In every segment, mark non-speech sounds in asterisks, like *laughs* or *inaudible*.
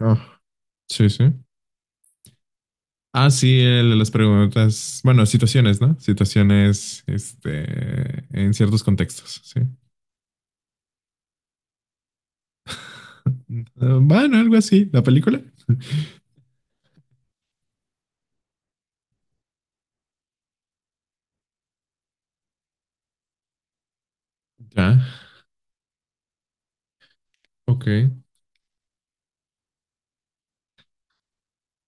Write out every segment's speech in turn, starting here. Ah, sí, sí. Ah, sí, el de las preguntas, bueno, situaciones, ¿no? Situaciones, este, en ciertos contextos, sí. *laughs* Eh, Bueno, algo así, la película. Ya, ok,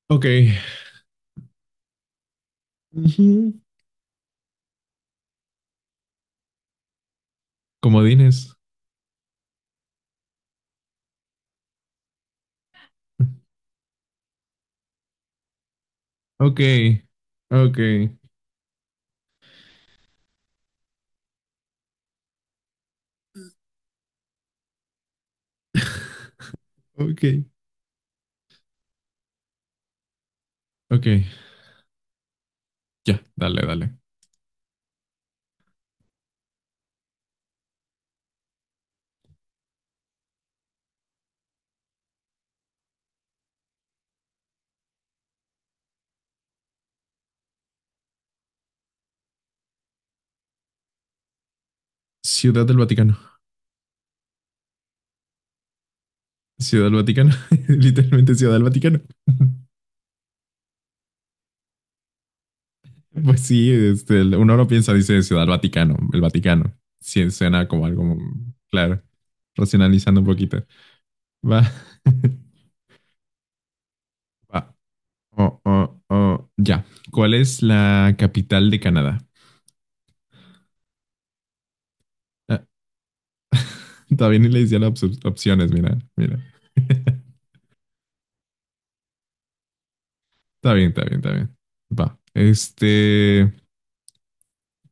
ok. Ujú. Comodines. Ok, ok, ok, ok. Ya, dale, dale. Ciudad del Vaticano. Ciudad del Vaticano. *laughs* Literalmente Ciudad del Vaticano. *laughs* Pues sí, este, uno no piensa, dice Ciudad Vaticano, el Vaticano. Sí, suena como algo, claro, racionalizando un poquito. Va. *laughs* Va. Oh, oh, oh. Ya. ¿Cuál es la capital de Canadá? Ah, todavía ni le decía las opciones, mira, mira. *laughs* Está bien, está bien, está bien. Va. Este,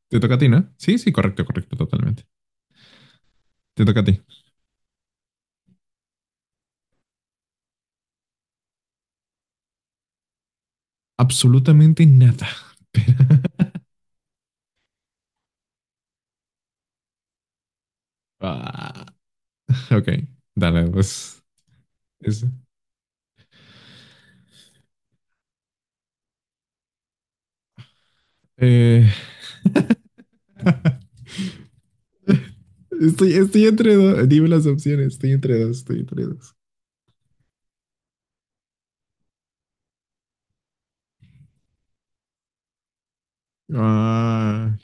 te toca a ti, ¿no? Sí, sí, correcto, correcto, totalmente. Te toca a ti. Absolutamente nada. *laughs* Pero- Ah, ok, dale, pues. Eso. Eh, *laughs* estoy entre dos. Dime las opciones. Estoy entre dos. Estoy entre dos. Ah,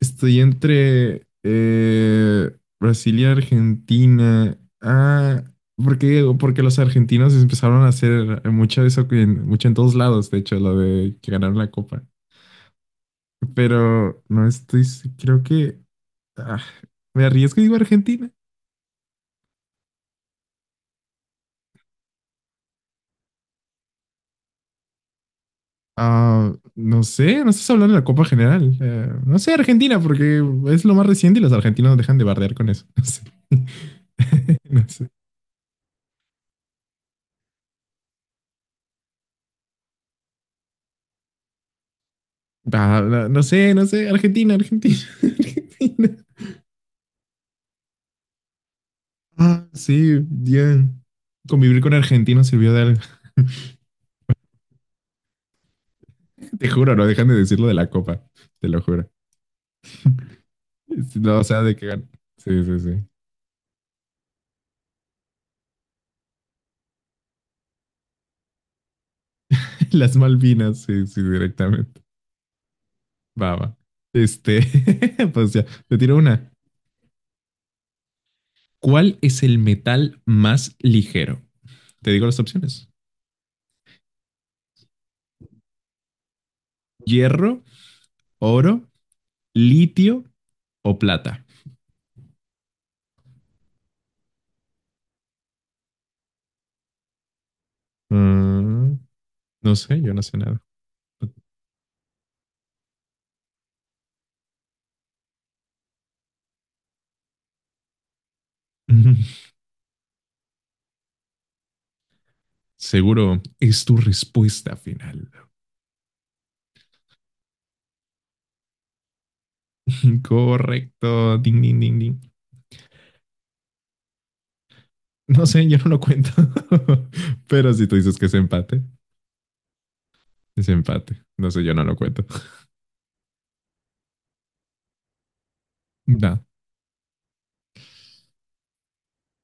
estoy entre Brasil y Argentina. Ah, porque los argentinos empezaron a hacer mucho de eso en, mucho en todos lados, de hecho, lo de que ganaron la copa. Pero no estoy, creo que ah, me arriesgo y digo Argentina. Ah, no sé, no estás hablando de la Copa General. No sé, Argentina, porque es lo más reciente y los argentinos no dejan de bardear con eso. *laughs* No sé. *laughs* No sé. Ah, no, no sé, no sé. Argentina, Argentina, *laughs* Argentina. Ah, sí, bien. Convivir con argentinos sirvió de algo. *laughs* Te juro, no dejan de decirlo de la Copa. Te lo juro. No, o sea, de que. Sí, sí, sí. *laughs* Las Malvinas, sí, sí, directamente. Va, va. Este, *laughs* pues ya, te tiro una. ¿Cuál es el metal más ligero? Te digo las opciones. Hierro, oro, litio o plata. Mm, no sé, yo no sé nada. *laughs* Seguro es tu respuesta final. *laughs* Correcto. Ding, ding, ding, ding. No sé, yo no lo cuento. *laughs* Pero si tú dices que es empate, es empate. No sé, yo no lo cuento. *laughs* No.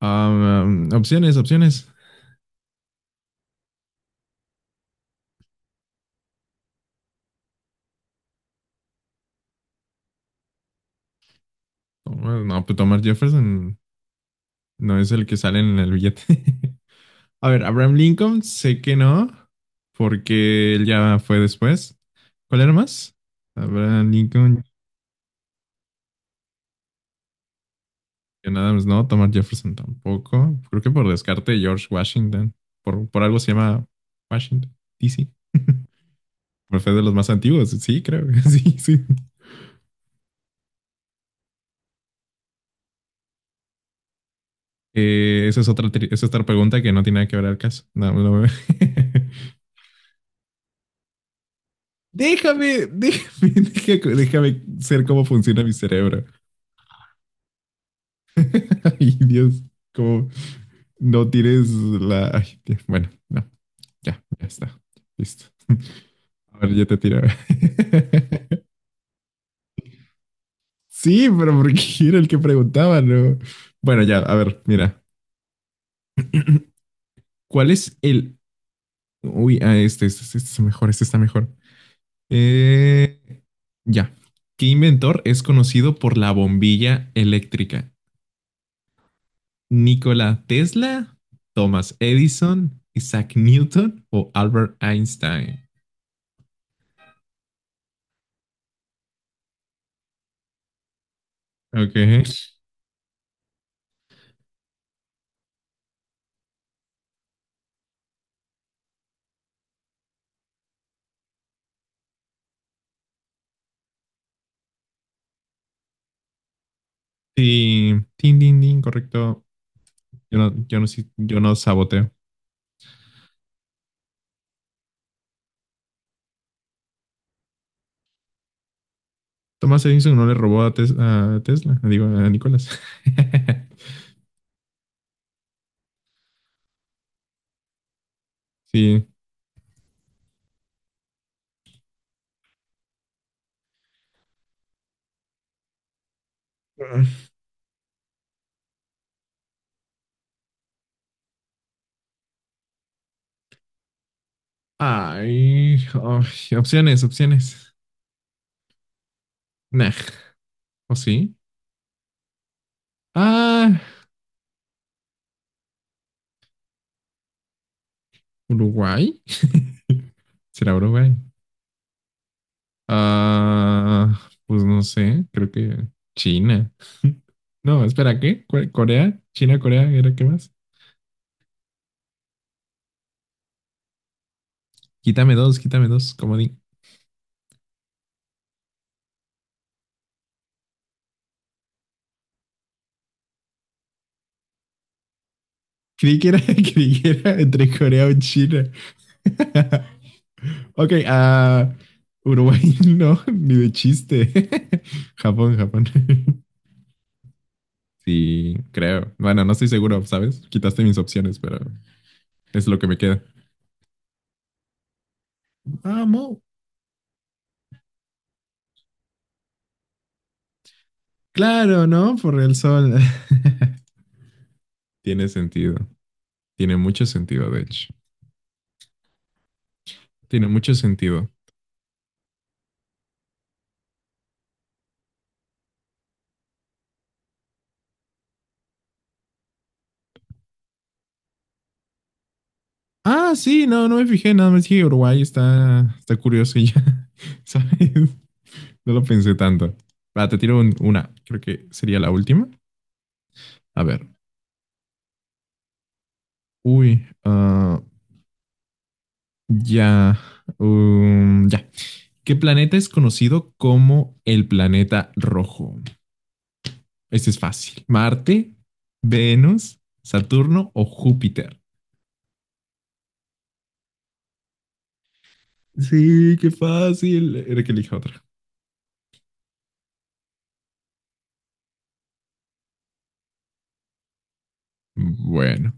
Opciones, opciones. No, no, pues Thomas Jefferson no es el que sale en el billete. *laughs* A ver, Abraham Lincoln, sé que no, porque él ya fue después. ¿Cuál era más? Abraham Lincoln, John Adams no, Thomas Jefferson tampoco. Creo que por descarte George Washington. Por algo se llama Washington, DC. *laughs* Por ser de los más antiguos, sí, creo. *laughs* Sí, sí. Esa es otra, esa es otra pregunta que no tiene nada que ver al caso. No, no. *laughs* Déjame, déjame, déjame, déjame ser cómo funciona mi cerebro. *laughs* Ay, Dios, cómo, no tires la, ay, Dios, bueno, no, ya, ya está. Listo. *laughs* A ver, yo te tiro. *laughs* Sí, pero porque *laughs* era el que preguntaba, ¿no? Bueno, ya, a ver, mira. ¿Cuál es el? Uy, este, este, este está mejor, este está mejor. Eh, ya. ¿Qué inventor es conocido por la bombilla eléctrica? ¿Nikola Tesla, Thomas Edison, Isaac Newton o Albert Einstein? Ok. Sí, tin, tin, tin, correcto. Yo no saboteo. Thomas Edison no le robó a, a Tesla, digo, a Nicolás. *laughs* Sí. Ay, ay, opciones, opciones. Nah, ¿o sí? Ah, Uruguay. *laughs* ¿Será Uruguay? Ah, pues no sé, creo que China. No, espera, ¿qué? ¿Corea? ¿China, Corea? ¿Era qué más? Quítame dos, comodín. Creí que era, *laughs* creí que era entre Corea o China. *laughs* Ok, Uruguay *laughs* no, ni de chiste. *laughs* Japón, Japón. *laughs* Sí, creo. Bueno, no estoy seguro, ¿sabes? Quitaste mis opciones, pero es lo que me queda. Vamos. Claro, ¿no? Por el sol. *laughs* Tiene sentido. Tiene mucho sentido, de hecho. Tiene mucho sentido. Ah, sí, no, no me fijé, nada más que Uruguay está curioso y ya, *laughs* ¿sabes? No lo pensé tanto. Va, te tiro una. Creo que sería la última. A ver. Uy, ya. Ya. ¿Qué planeta es conocido como el planeta rojo? Este es fácil. ¿Marte, Venus, Saturno o Júpiter? Sí, qué fácil. Era que elija otra. Bueno.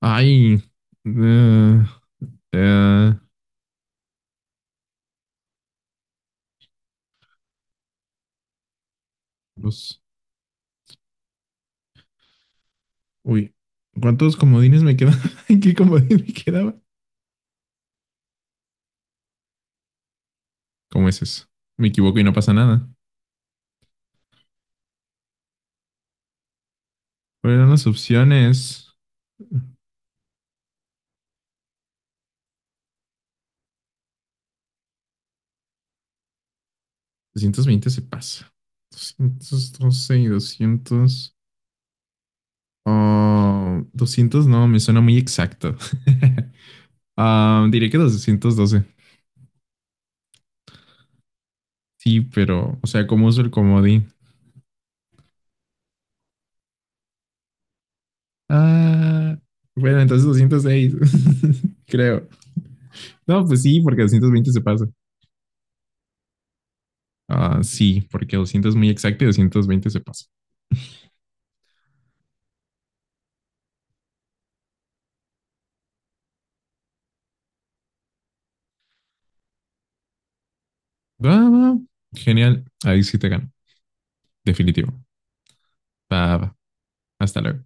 Ay. eh, eh, los- Uy. ¿Cuántos comodines me quedaban? *laughs* ¿Qué comodín me quedaba? ¿Cómo es eso? Me equivoco y no pasa nada. ¿Cuáles eran las opciones? 220 se pasa. 212 y 200. Ah, 200 no, me suena muy exacto. *laughs* Ah, diré que 212. Sí, pero, o sea, ¿cómo uso el comodín? Ah, bueno, entonces 206, *laughs* creo. No, pues sí, porque 220 se pasa. Ah, sí, porque 200 es muy exacto y 220 se pasa. Va, va. Genial. Ahí sí te gano. Definitivo. Va, va. Hasta luego.